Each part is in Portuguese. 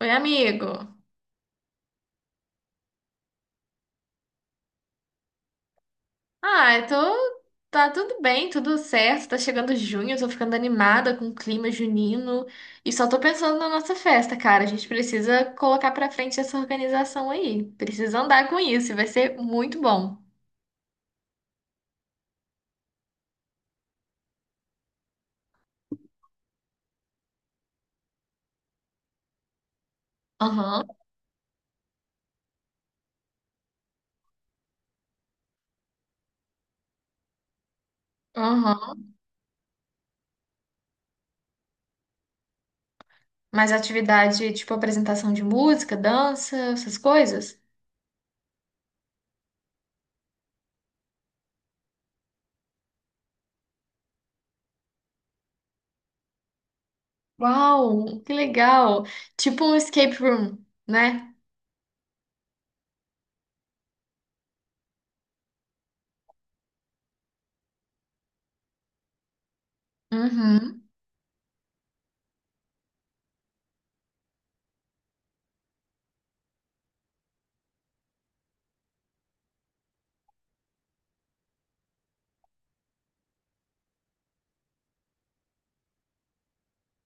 Oi, amigo. Ah, eu tô. Tá tudo bem, tudo certo. Tá chegando junho, eu tô ficando animada com o clima junino. E só tô pensando na nossa festa, cara. A gente precisa colocar pra frente essa organização aí. Precisa andar com isso, e vai ser muito bom. Aham, aham. Mas atividade tipo apresentação de música, dança, essas coisas? Uau, que legal! Tipo um escape room, né? Uhum.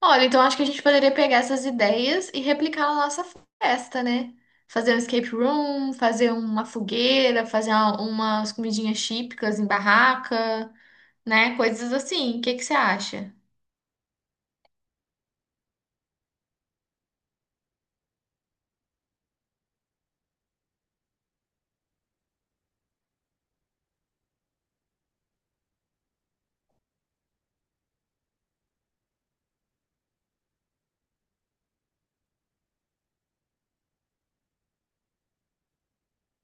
Olha, então acho que a gente poderia pegar essas ideias e replicar na nossa festa, né? Fazer um escape room, fazer uma fogueira, fazer umas comidinhas típicas em barraca, né? Coisas assim. O que que você acha?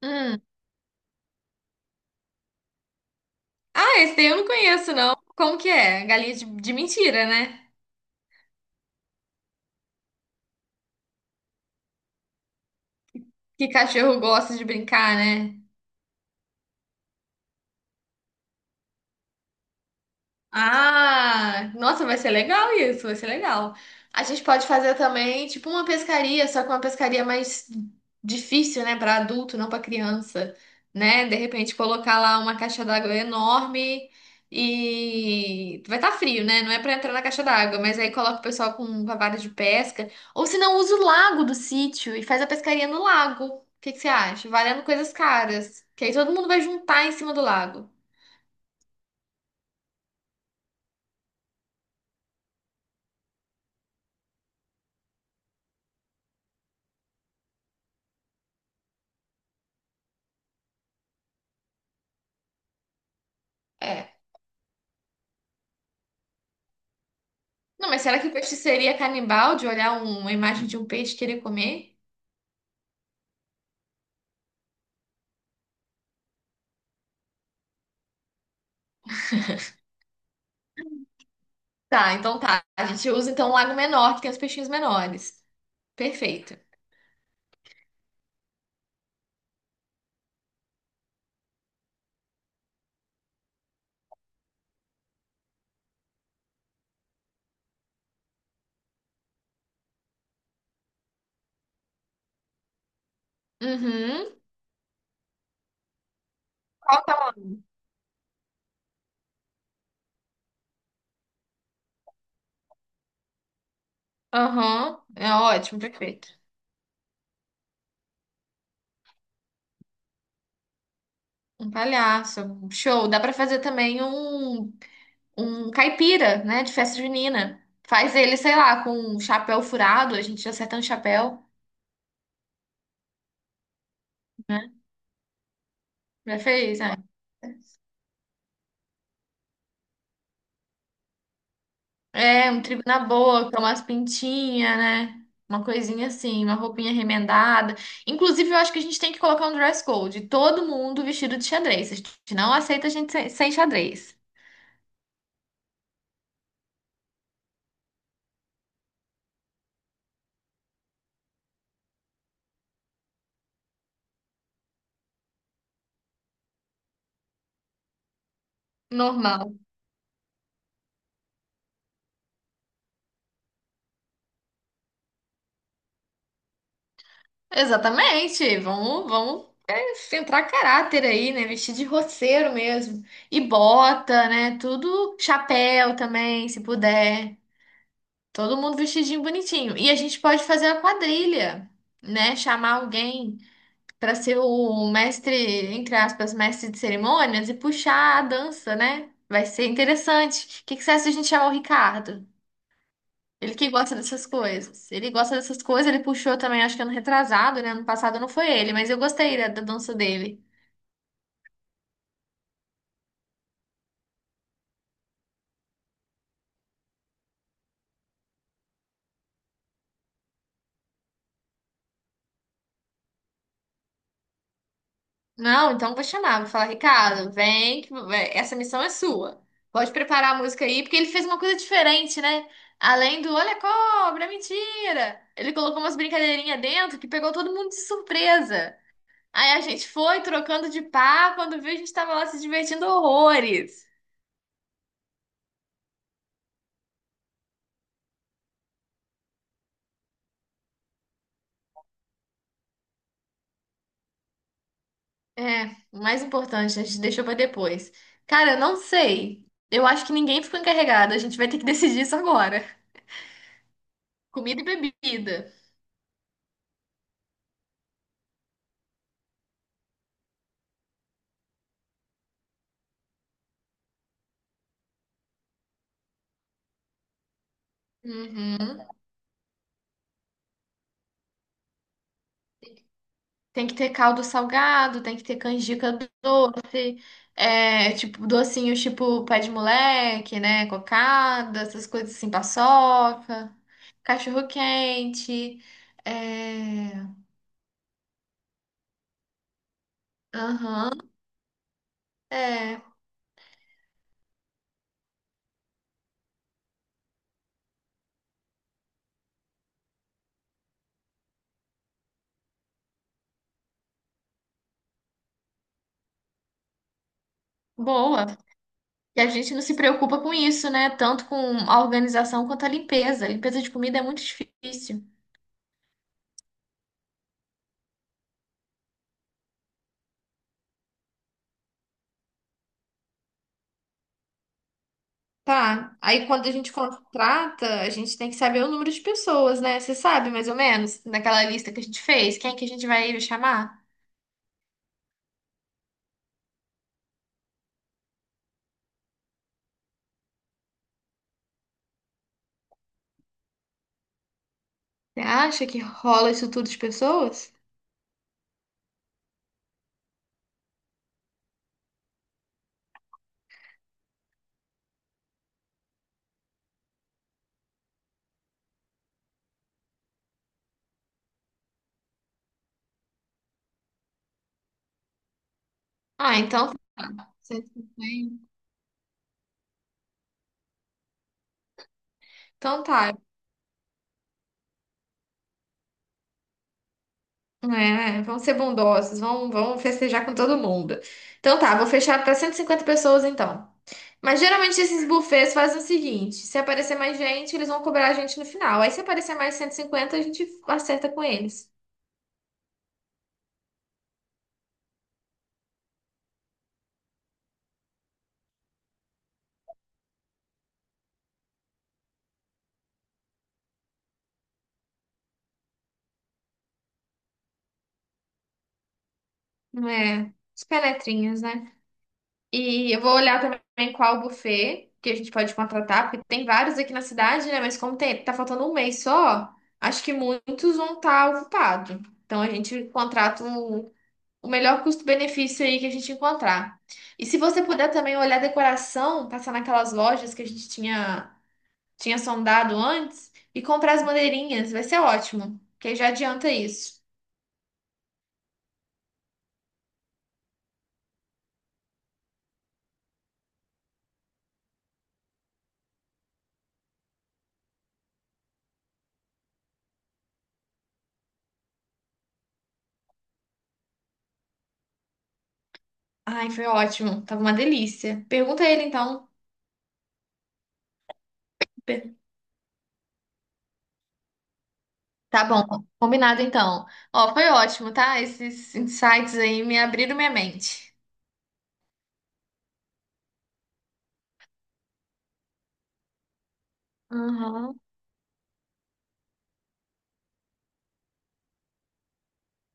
Hum. Ah, esse daí eu não conheço, não. Como que é? Galinha de mentira, né? Que cachorro gosta de brincar, né? Ah, nossa, vai ser legal isso, vai ser legal. A gente pode fazer também, tipo, uma pescaria, só que uma pescaria mais difícil, né, para adulto, não para criança, né? De repente colocar lá uma caixa d'água enorme e vai estar frio, né? Não é para entrar na caixa d'água, mas aí coloca o pessoal com a vara de pesca, ou se não, usa o lago do sítio e faz a pescaria no lago. O que que você acha? Valendo coisas caras, que aí todo mundo vai juntar em cima do lago. É. Não, mas será que o peixe seria canibal de olhar uma imagem de um peixe e querer comer? Tá, então tá. A gente usa então um lago menor, que tem os peixinhos menores. Perfeito. Uhum. Qual o tamanho? Aham. É ótimo, perfeito. Um palhaço. Show. Dá pra fazer também um caipira, né? De festa junina. Faz ele, sei lá, com um chapéu furado. A gente acerta um chapéu, né? Já fez, né? É, um trigo na boca, umas pintinhas, né? Uma coisinha assim, uma roupinha remendada. Inclusive, eu acho que a gente tem que colocar um dress code. Todo mundo vestido de xadrez. A gente não aceita a gente sem xadrez. Normal. Exatamente. Vamos é, centrar caráter aí, né? Vestir de roceiro mesmo. E bota, né? Tudo chapéu também, se puder. Todo mundo vestidinho bonitinho. E a gente pode fazer a quadrilha, né? Chamar alguém para ser o mestre, entre aspas, mestre de cerimônias e puxar a dança, né? Vai ser interessante. O que que você acha se a gente chamar o Ricardo? Ele que gosta dessas coisas. Ele gosta dessas coisas, ele puxou também, acho que ano retrasado, né? Ano passado não foi ele, mas eu gostei da dança dele. Não, então eu vou chamar, vou falar, Ricardo, vem, que essa missão é sua. Pode preparar a música aí, porque ele fez uma coisa diferente, né? Além do olha a cobra, mentira! Ele colocou umas brincadeirinhas dentro que pegou todo mundo de surpresa. Aí a gente foi trocando de par, quando viu, a gente tava lá se divertindo horrores. É, o mais importante, a gente deixou pra depois. Cara, eu não sei. Eu acho que ninguém ficou encarregado. A gente vai ter que decidir isso agora. Comida e bebida. Uhum. Tem que ter caldo salgado, tem que ter canjica doce, é, tipo, docinhos tipo pé de moleque, né? Cocada, essas coisas assim, paçoca, cachorro quente. É. Aham. É. Boa. E a gente não se preocupa com isso, né? Tanto com a organização quanto a limpeza. A limpeza de comida é muito difícil. Tá. Aí quando a gente contrata, a gente tem que saber o número de pessoas, né? Você sabe mais ou menos, naquela lista que a gente fez, quem é que a gente vai chamar? Você acha que rola isso tudo de pessoas? Ah, então tá. Então tá, é, vão ser bondosos, vão festejar com todo mundo. Então tá, vou fechar para 150 pessoas então. Mas geralmente esses buffets fazem o seguinte: se aparecer mais gente, eles vão cobrar a gente no final. Aí se aparecer mais 150 a gente acerta com eles. Não é? Os penetrinhas, né? E eu vou olhar também qual buffet que a gente pode contratar, porque tem vários aqui na cidade, né? Mas como tem, tá faltando um mês só, acho que muitos vão estar ocupados. Então a gente contrata um o melhor custo-benefício aí que a gente encontrar. E se você puder também olhar a decoração, passar naquelas lojas que a gente tinha sondado antes e comprar as bandeirinhas, vai ser ótimo, que aí já adianta isso. Ai, foi ótimo, tava uma delícia. Pergunta a ele então. Per- Tá bom, combinado então. Ó, foi ótimo, tá? Esses insights aí me abriram minha mente. Uhum.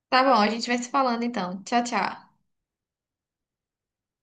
Tá bom, a gente vai se falando então. Tchau, tchau.